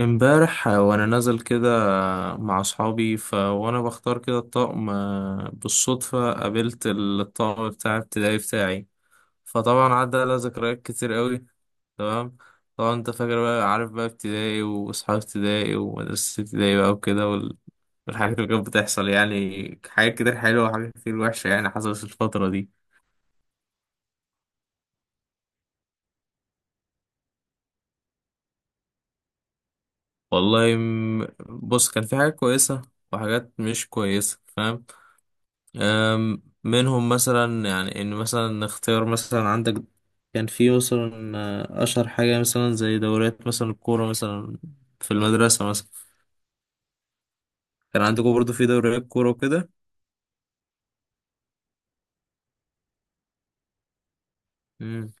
امبارح، وانا نازل كده، مع اصحابي. وانا بختار كده الطقم، بالصدفة قابلت الطقم بتاع ابتدائي بتاعي. فطبعا عدى على ذكريات كتير قوي. تمام. طبعا انت فاكر بقى، عارف بقى ابتدائي واصحاب ابتدائي ومدرسة ابتدائي بقى وكده والحاجات اللي كانت بتحصل، يعني حاجات كتير حلوة وحاجات كتير وحشة يعني حصلت في الفترة دي. بص، كان في حاجات كويسة وحاجات مش كويسة، فاهم. منهم مثلا يعني ان مثلا نختار، مثلا عندك كان في مثلا، اشهر حاجه مثلا زي دوريات مثلا الكوره مثلا، في المدرسه مثلا. كان عندكم برضو في دوريات كوره وكده. امم.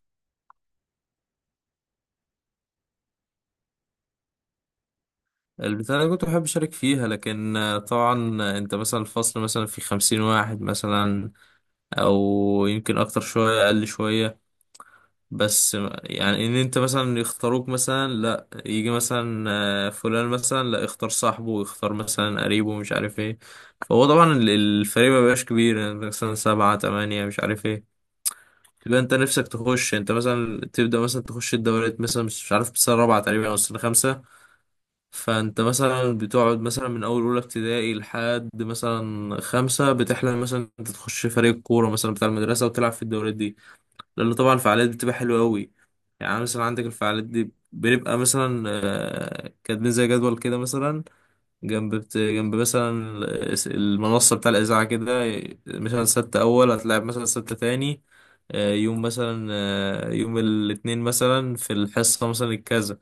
البتاع اللي كنت بحب اشارك فيها، لكن طبعا، انت مثلا الفصل مثلا في خمسين واحد مثلا، او يمكن اكتر شويه اقل شويه، بس يعني ان انت مثلا يختاروك مثلا، لا يجي مثلا فلان مثلا، لا اختار صاحبه ويختار مثلا قريبه ومش عارف ايه. فهو طبعا الفريق ما بيبقاش كبير يعني مثلا سبعة تمانية مش عارف ايه. تبقى انت نفسك تخش، انت مثلا تبدأ مثلا تخش الدوريات مثلا مش عارف السنة الرابعة تقريبا او السنة الخامسة. فانت مثلا بتقعد مثلا من اول اولى ابتدائي لحد مثلا خمسة، بتحلم مثلا انت تخش فريق كورة مثلا بتاع المدرسة وتلعب في الدوريات دي. لأن طبعا الفعاليات بتبقى حلوة أوي. يعني مثلا عندك الفعاليات دي بنبقى مثلا كاتبين زي جدول كده مثلا، جنب مثلا المنصة بتاع الإذاعة كده. مثلا سبت أول هتلعب، مثلا سبت تاني، يوم مثلا، يوم الاثنين مثلا في الحصة مثلا الكذا،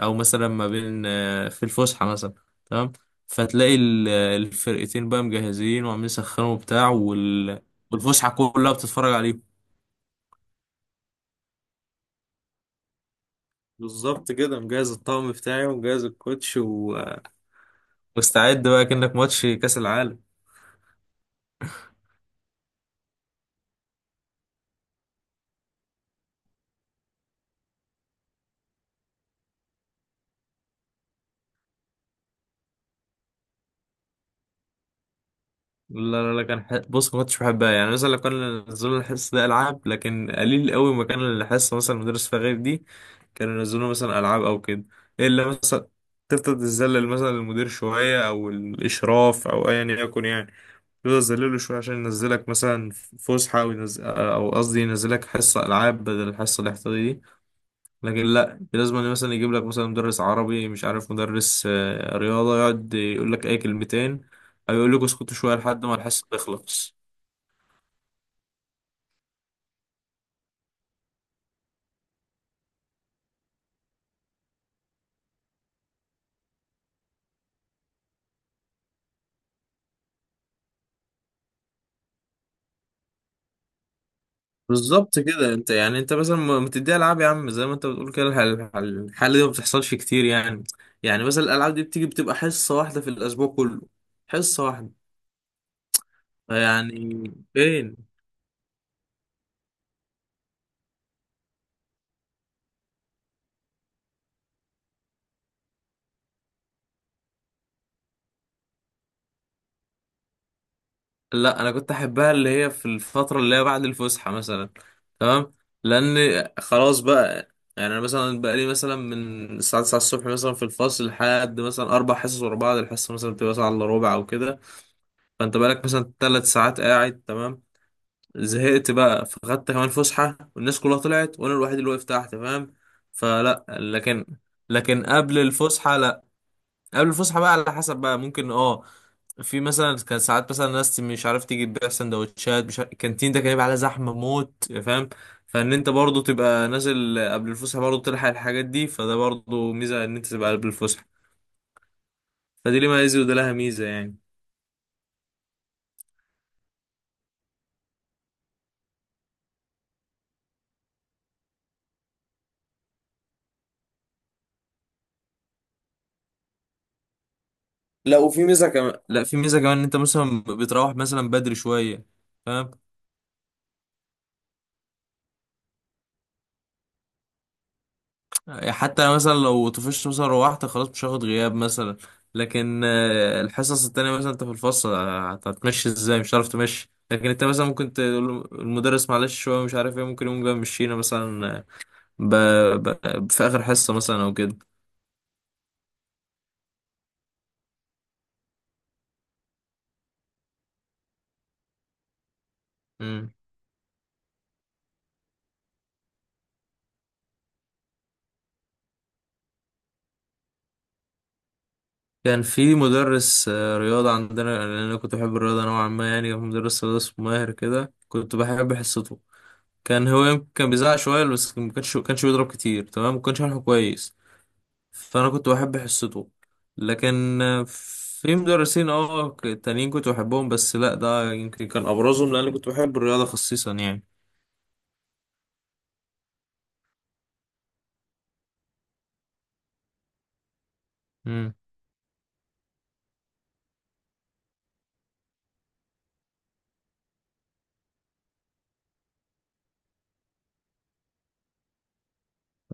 أو مثلا ما بين، في الفسحة مثلا. تمام. فتلاقي الفرقتين بقى مجهزين وعاملين يسخنوا وبتاع والفسحة كلها بتتفرج عليهم. بالظبط كده، مجهز الطقم بتاعي ومجهز الكوتش و... مستعد بقى كأنك ماتش كأس العالم. لا كان بص، ما كنتش بحبها، يعني مثلا لو كان نزلوا الحصة ده ألعاب، لكن قليل قوي ما كان الحصة مثلا مدرس فيها غير دي. كانوا ينزلوا مثلا ألعاب أو كده، إلا مثلا تفضل تذلل مثلا المدير شوية أو الإشراف أو أيا يكن يعني. تفضل تذلله شوية عشان ينزلك مثلا فسحة، أو ينزل، أو قصدي ينزلك حصة ألعاب بدل الحصة الاحتياطية. لكن لا، لازم أن مثلا يجيب لك مثلا مدرس عربي مش عارف مدرس رياضة يقعد يقول لك اي كلمتين، او يقول لك اسكتوا شوية لحد ما الحصة تخلص. بالظبط كده، انت يعني انت مثلا ما تديها العاب يا عم، زي ما انت بتقول كده، الحاله دي ما بتحصلش كتير يعني. يعني مثلا الالعاب دي بتيجي بتبقى حصه واحده في الاسبوع كله، حصه واحده. يعني فين. لا، انا كنت احبها اللي هي في الفتره اللي هي بعد الفسحه مثلا. تمام. لان خلاص بقى، يعني انا مثلا بقى لي مثلا من الساعه 9 الصبح مثلا في الفصل لحد مثلا اربع حصص ورا بعض، الحصه مثلا بتبقى ساعه الا ربع او كده، فانت بقالك مثلا ثلاث ساعات قاعد. تمام. زهقت بقى، فخدت كمان فسحه والناس كلها طلعت وانا الوحيد اللي واقف تحت، فاهم. فلا، لكن لكن قبل الفسحه لا، قبل الفسحه بقى على حسب بقى، ممكن اه، في مثلا كان ساعات مثلا ناس مش عارف تيجي تبيع سندوتشات مش عارف، الكانتين ده كان يبقى عليه زحمه موت، فاهم. فان انت برضو تبقى نازل قبل الفسحه، برضو تلحق الحاجات دي، فده برضو ميزه ان انت تبقى قبل الفسحه. فدي ليه ميزه وده لها ميزه يعني. لا وفي ميزه كمان، لا في ميزه كمان، ان انت مثلا بتروح مثلا بدري شويه، فاهم. يعني حتى أنا مثلا لو طفشت مثلا روحت خلاص مش هاخد غياب مثلا، لكن الحصص التانية مثلا انت في الفصل هتمشي ازاي، مش هتعرف تمشي، لكن انت مثلا ممكن تقول المدرس معلش شوية مش عارف ايه، ممكن يقوم جاي مشينا مثلا، ب... في آخر حصة مثلا او كده. مم. كان في مدرس رياضة عندنا، لأن أنا كنت بحب الرياضة نوعا ما، يعني كان مدرس رياضة اسمه ماهر كده، كنت بحب حصته. كان بيزعق شوية بس ما كانش بيضرب كتير. تمام، ما كانش شرحه كويس، فانا كنت بحب حصته. لكن في مدرسين اه تانيين كنت بحبهم، بس لا، ده يمكن كان ابرزهم لان كنت بحب الرياضه خصيصا يعني. امم.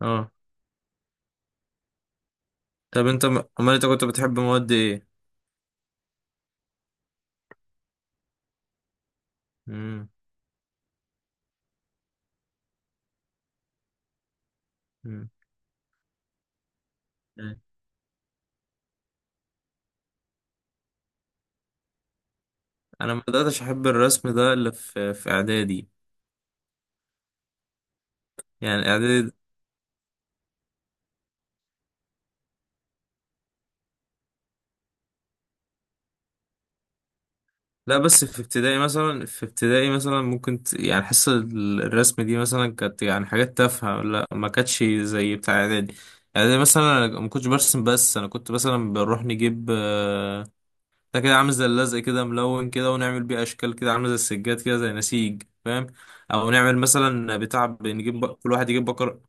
اه. طب انت امال انت كنت بتحب مواد ايه؟ امم. أمم. انا ما بداتش احب الرسم ده الا في اعدادي، يعني اعدادي. لا بس في ابتدائي مثلا، في ابتدائي مثلا ممكن ت... يعني حصة الرسم دي مثلا كانت يعني حاجات تافهة، لا ما كانتش زي بتاع اعدادي. اعدادي مثلا انا ما كنتش برسم، بس انا كنت مثلا بنروح نجيب ده كده عامل زي اللزق كده ملون كده، ونعمل بيه اشكال كده عامله زي السجاد كده زي نسيج، فاهم. او نعمل مثلا بتاع بنجيب كل واحد يجيب بقرة.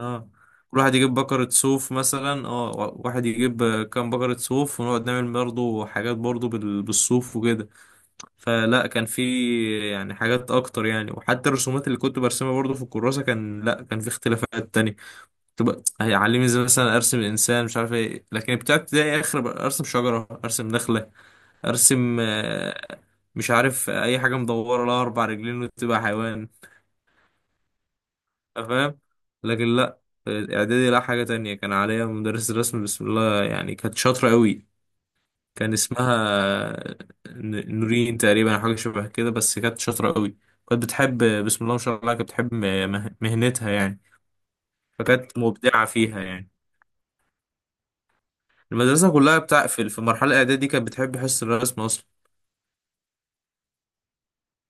اه كل واحد يجيب بقرة صوف مثلا، اه واحد يجيب كام بقرة صوف، ونقعد نعمل برضه حاجات برضه بالصوف وكده. فلا، كان في يعني حاجات اكتر يعني، وحتى الرسومات اللي كنت برسمها برضو في الكراسه، كان لا، كان في اختلافات تانية. تبقى هيعلمني زي مثلا ارسم انسان مش عارف ايه، لكن بتاع ابتدائي اخر ارسم شجره ارسم نخله ارسم، مش عارف اي حاجه مدوره لها اربع رجلين وتبقى حيوان، فاهم. لكن لا، اعدادي لا، حاجه تانية. كان عليا مدرس الرسم بسم الله يعني، كانت شاطره قوي. كان اسمها نورين تقريبا أو حاجة شبه كده، بس كانت شاطرة قوي. كانت بتحب، بسم الله ما شاء الله، كانت بتحب مهنتها يعني، فكانت مبدعة فيها يعني. المدرسة كلها بتاع في في المرحلة الإعدادية دي كانت بتحب حصة الرسم أصلا.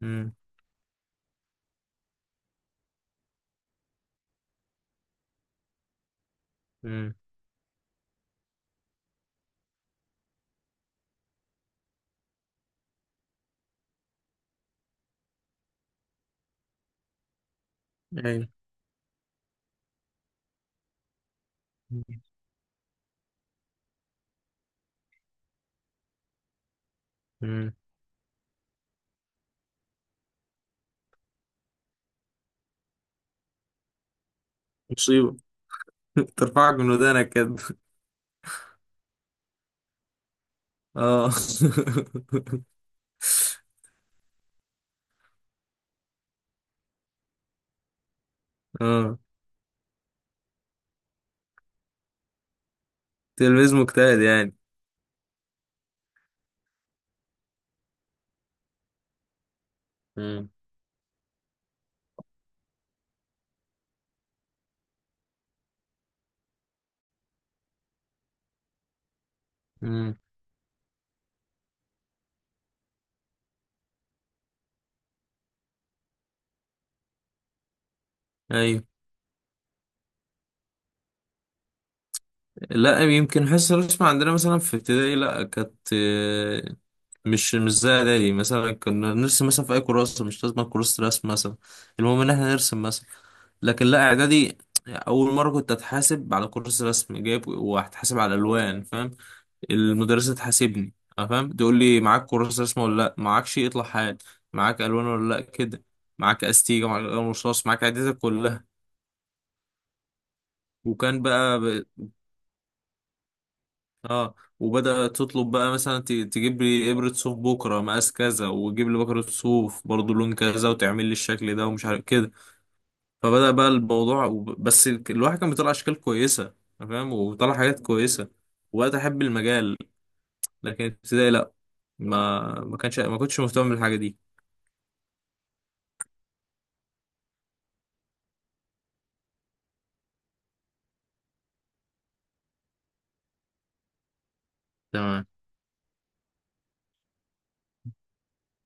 امم. امم. أيوة. امم. مصيبة. ترفعك من ودانك كده. اه. اه. تلميذ مجتهد يعني. امم. امم. لا، يمكن حصة الرسم عندنا مثلا في ابتدائي لا كانت مش مش زي اعدادي، مثلا كنا نرسم مثلا في اي كراسة، مش لازم كراسة رسم مثلا، المهم ان احنا نرسم مثلا. لكن لا اعدادي، اول مرة كنت اتحاسب على كراسة رسم جايب، وهتحاسب على الالوان، فاهم. المدرسة تحاسبني، أنا فاهم، تقول لي معاك كراسة رسم ولا لا، معاكش اطلع حال. معاك الوان ولا لا كده، معاك استيجا معاك قلم رصاص معاك عدتك كلها. وكان بقى اه، وبدأت تطلب بقى مثلا تجيب لي ابرة صوف بكرة مقاس كذا، وتجيب لي بكرة صوف برضو لون كذا وتعمل لي الشكل ده ومش عارف كده. فبدأ بقى الموضوع بس الواحد كان بيطلع اشكال كويسة، أنا فاهم، وطلع حاجات كويسة وبقيت احب المجال. لكن ابتدائي لا، ما كنتش مهتم بالحاجة دي. تمام.